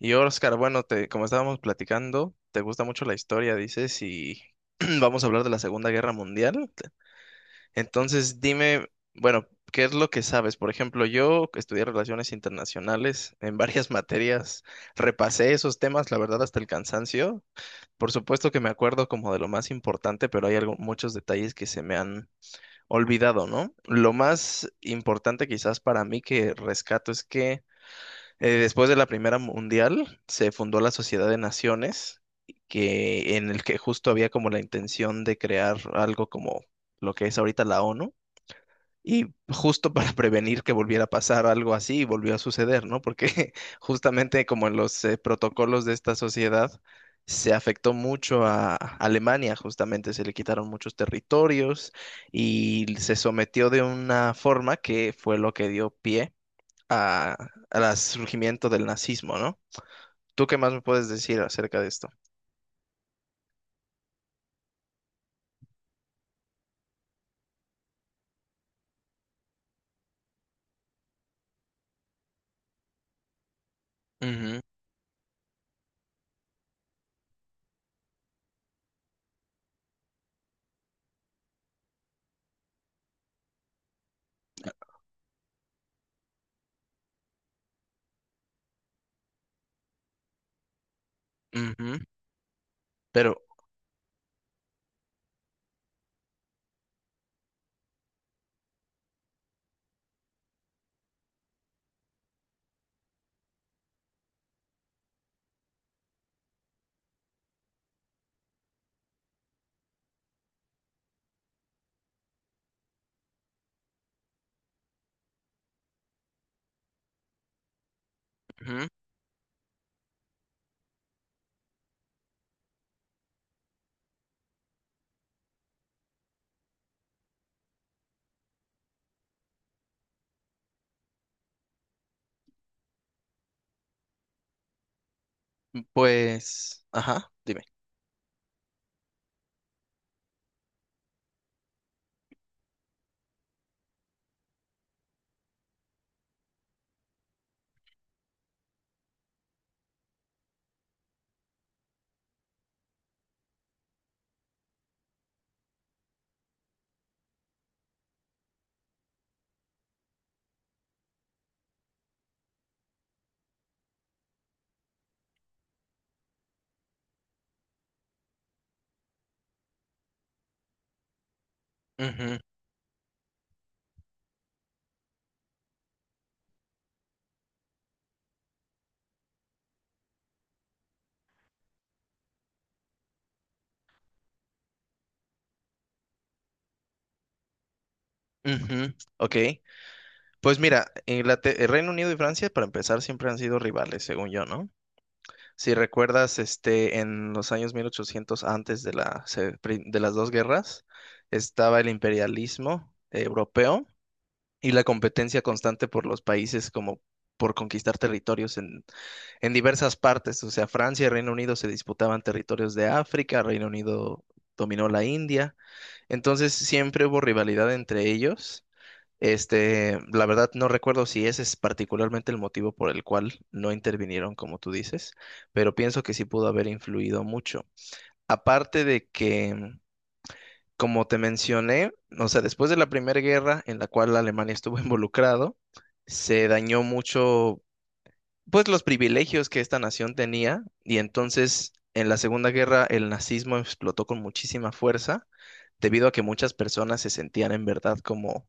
Y Oscar, bueno, te, como estábamos platicando, te gusta mucho la historia, dices, y vamos a hablar de la Segunda Guerra Mundial. Entonces, dime, bueno, ¿qué es lo que sabes? Por ejemplo, yo estudié relaciones internacionales en varias materias, repasé esos temas, la verdad, hasta el cansancio. Por supuesto que me acuerdo como de lo más importante, pero hay algo- muchos detalles que se me han olvidado, ¿no? Lo más importante quizás para mí que rescato es que después de la Primera Mundial se fundó la Sociedad de Naciones, que en el que justo había como la intención de crear algo como lo que es ahorita la ONU. Y justo para prevenir que volviera a pasar algo así, y volvió a suceder, ¿no? Porque justamente como en los protocolos de esta sociedad, se afectó mucho a Alemania, justamente se le quitaron muchos territorios y se sometió de una forma que fue lo que dio pie a, al surgimiento del nazismo, ¿no? ¿Tú qué más me puedes decir acerca de esto? Ujú, ujú, pero, ujú, pues, ajá, dime. Ujú, ujú, ok, pues mira, Inglater- el Reino Unido y Francia, para empezar, siempre han sido rivales, según yo, ¿no? Si recuerdas, este, en los años 1800 antes de la, se- pri- de las dos guerras, estaba el imperialismo europeo y la competencia constante por los países como por conquistar territorios en diversas partes. O sea, Francia y Reino Unido se disputaban territorios de África, Reino Unido dominó la India. Entonces siempre hubo rivalidad entre ellos. Este, la verdad no recuerdo si ese es particularmente el motivo por el cual no intervinieron, como tú dices, pero pienso que sí pudo haber influido mucho. Aparte de que como te mencioné, o sea, después de la Primera Guerra en la cual Alemania estuvo involucrado, se dañó mucho, pues, los privilegios que esta nación tenía y entonces en la Segunda Guerra el nazismo explotó con muchísima fuerza debido a que muchas personas se sentían en verdad como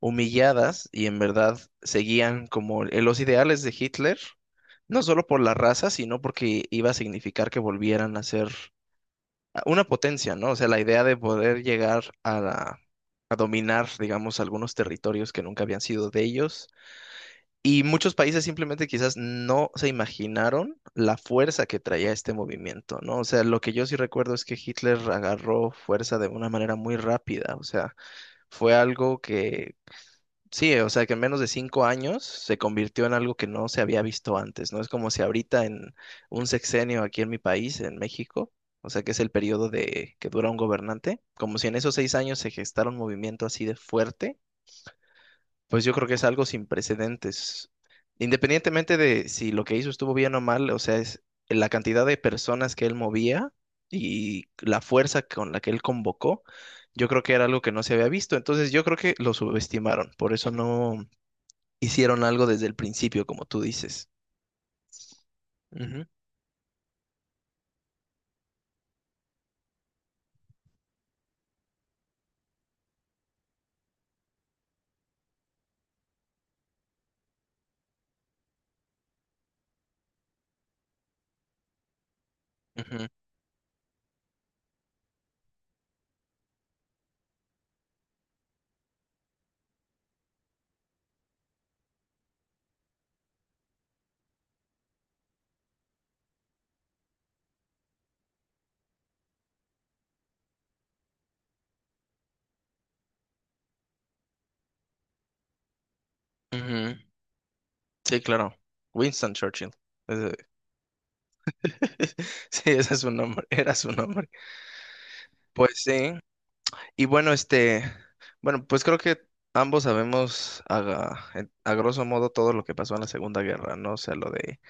humilladas y en verdad seguían como el- los ideales de Hitler, no solo por la raza, sino porque iba a significar que volvieran a ser una potencia, ¿no? O sea, la idea de poder llegar a la a dominar, digamos, algunos territorios que nunca habían sido de ellos. Y muchos países simplemente quizás no se imaginaron la fuerza que traía este movimiento, ¿no? O sea, lo que yo sí recuerdo es que Hitler agarró fuerza de una manera muy rápida, o sea, fue algo que, sí, o sea, que en menos de cinco años se convirtió en algo que no se había visto antes, ¿no? Es como si ahorita en un sexenio aquí en mi país, en México, o sea, que es el periodo de que dura un gobernante, como si en esos seis años se gestara un movimiento así de fuerte pues yo creo que es algo sin precedentes. Independientemente de si lo que hizo estuvo bien o mal, o sea, es la cantidad de personas que él movía y la fuerza con la que él convocó, yo creo que era algo que no se había visto. Entonces yo creo que lo subestimaron, por eso no hicieron algo desde el principio, como tú dices. Ujú, ujú, ujú. Sí, claro. Winston Churchill. Ese- Sí, ese es su nombre, era su nombre. Pues sí. Y bueno, este, bueno, pues creo que ambos sabemos a, en- a grosso modo todo lo que pasó en la Segunda Guerra, ¿no? O sea, lo de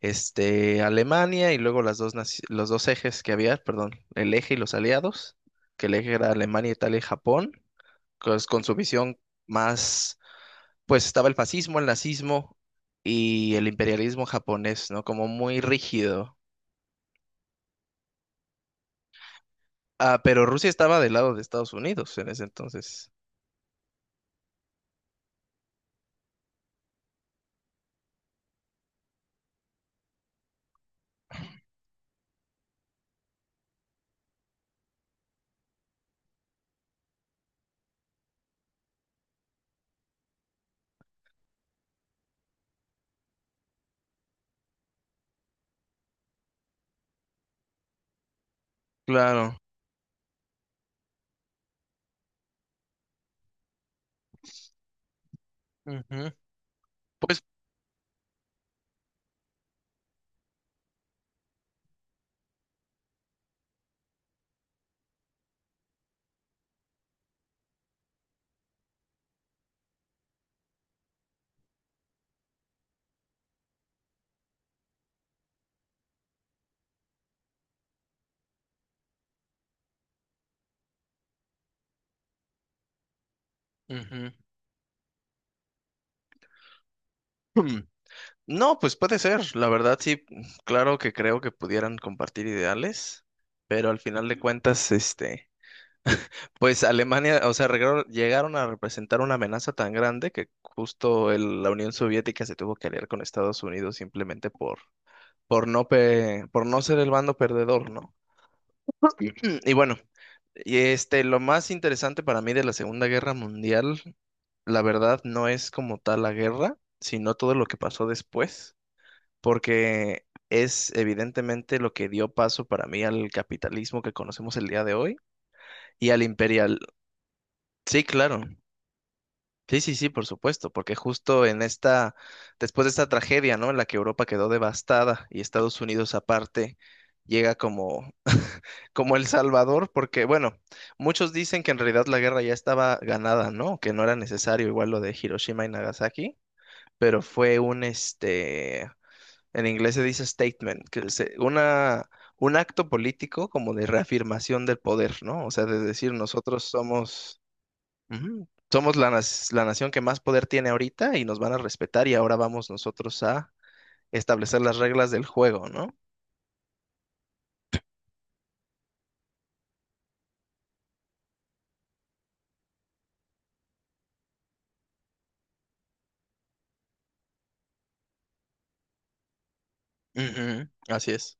este Alemania y luego las dos naci- los dos ejes que había, perdón, el eje y los aliados, que el eje era Alemania, Italia y Japón, pues, con su visión más, pues estaba el fascismo, el nazismo y el imperialismo japonés, ¿no? Como muy rígido. Ah, pero Rusia estaba del lado de Estados Unidos en ese entonces. Claro. Ujú. Pues ujú. Hmm, No, pues puede ser, la verdad sí, claro que creo que pudieran compartir ideales, pero al final de cuentas, este, pues Alemania, o sea, regro- llegaron a representar una amenaza tan grande que justo el- la Unión Soviética se tuvo que aliar con Estados Unidos simplemente por no pe- por no ser el bando perdedor, ¿no? Y bueno, y este, lo más interesante para mí de la Segunda Guerra Mundial, la verdad, no es como tal la guerra, sino todo lo que pasó después porque es evidentemente lo que dio paso para mí al capitalismo que conocemos el día de hoy y al imperial. Sí, claro. Sí, sí, sí, por supuesto, porque justo en esta, después de esta tragedia, ¿no? En la que Europa quedó devastada y Estados Unidos aparte llega como, como el Salvador, porque bueno, muchos dicen que en realidad la guerra ya estaba ganada, ¿no? Que no era necesario igual lo de Hiroshima y Nagasaki, pero fue un, este, en inglés se dice statement, que es una, un acto político como de reafirmación del poder, ¿no? O sea, de decir nosotros somos, ujú, somos la, nas- la nación que más poder tiene ahorita y nos van a respetar y ahora vamos nosotros a establecer las reglas del juego, ¿no? Ujú, así es.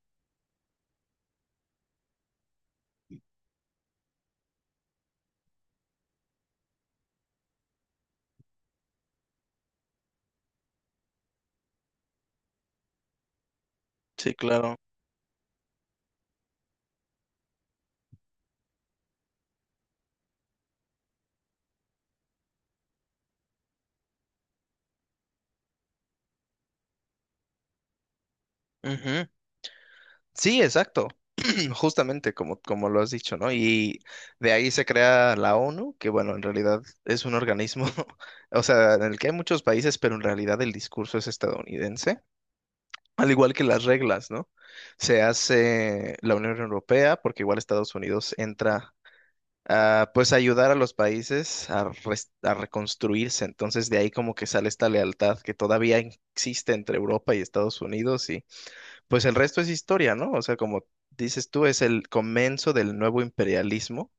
Sí, claro. Ujú. Sí, exacto. Justamente como, como lo has dicho, ¿no? Y de ahí se crea la ONU, que bueno, en realidad es un organismo, o sea, en el que hay muchos países, pero en realidad el discurso es estadounidense, al igual que las reglas, ¿no? Se hace la Unión Europea, porque igual Estados Unidos entra a, pues, ayudar a los países a, res- a reconstruirse. Entonces, de ahí como que sale esta lealtad que todavía existe entre Europa y Estados Unidos pues el resto es historia, ¿no? O sea, como dices tú, es el comienzo del nuevo imperialismo,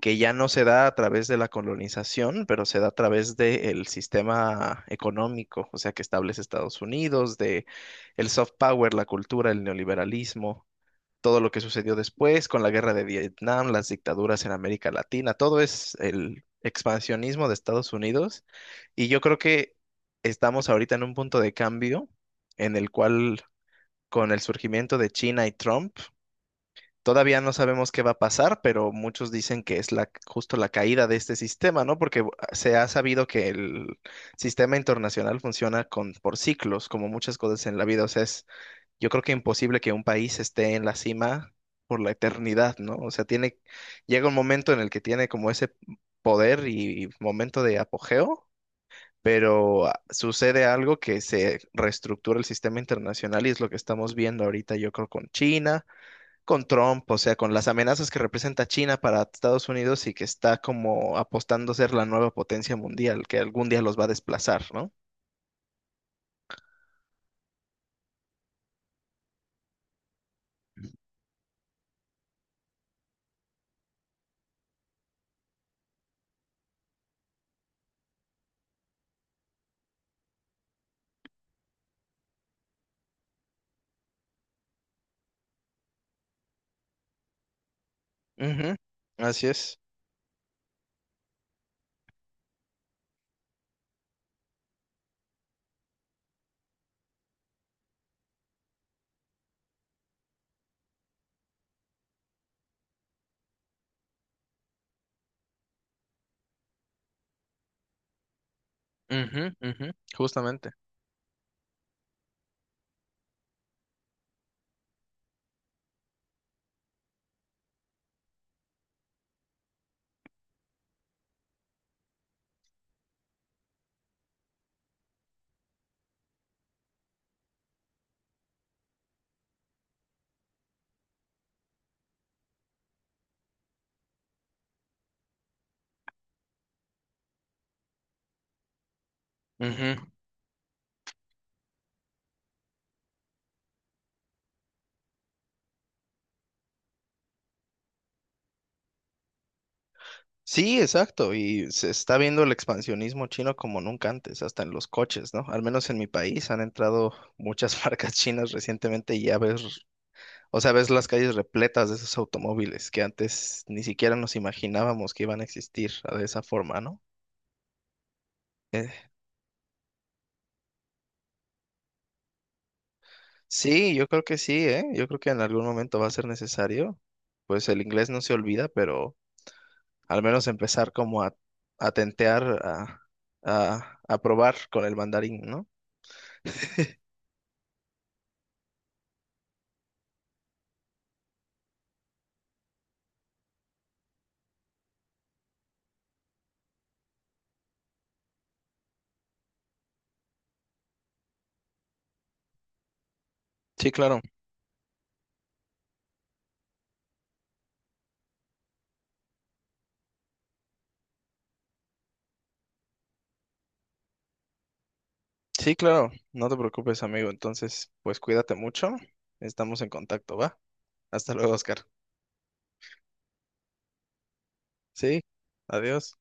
que ya no se da a través de la colonización, pero se da a través del sistema económico, o sea, que establece Estados Unidos, de el soft power, la cultura, el neoliberalismo, todo lo que sucedió después con la guerra de Vietnam, las dictaduras en América Latina, todo es el expansionismo de Estados Unidos. Y yo creo que estamos ahorita en un punto de cambio en el cual con el surgimiento de China y Trump. Todavía no sabemos qué va a pasar, pero muchos dicen que es la, justo la caída de este sistema, ¿no? Porque se ha sabido que el sistema internacional funciona con, por ciclos, como muchas cosas en la vida. O sea, es, yo creo que imposible que un país esté en la cima por la eternidad, ¿no? O sea, tiene, llega un momento en el que tiene como ese poder y momento de apogeo pero sucede algo que se reestructura el sistema internacional y es lo que estamos viendo ahorita, yo creo, con China, con Trump, o sea, con las amenazas que representa China para Estados Unidos y que está como apostando a ser la nueva potencia mundial, que algún día los va a desplazar, ¿no? Ujú, así es. Ujú, ujú, justamente. Ujú. Sí, exacto. Y se está viendo el expansionismo chino como nunca antes, hasta en los coches, ¿no? Al menos en mi país han entrado muchas marcas chinas recientemente y ya ves. O sea, ves las calles repletas de esos automóviles que antes ni siquiera nos imaginábamos que iban a existir de esa forma, ¿no? Eh, sí, yo creo que sí, ¿eh? Yo creo que en algún momento va a ser necesario. Pues el inglés no se olvida, pero al menos empezar como a tentear, a probar con el mandarín, ¿no? Sí, claro. Sí, claro. No te preocupes, amigo. Entonces, pues cuídate mucho. Estamos en contacto, ¿va? Hasta luego, Oscar. Sí, adiós.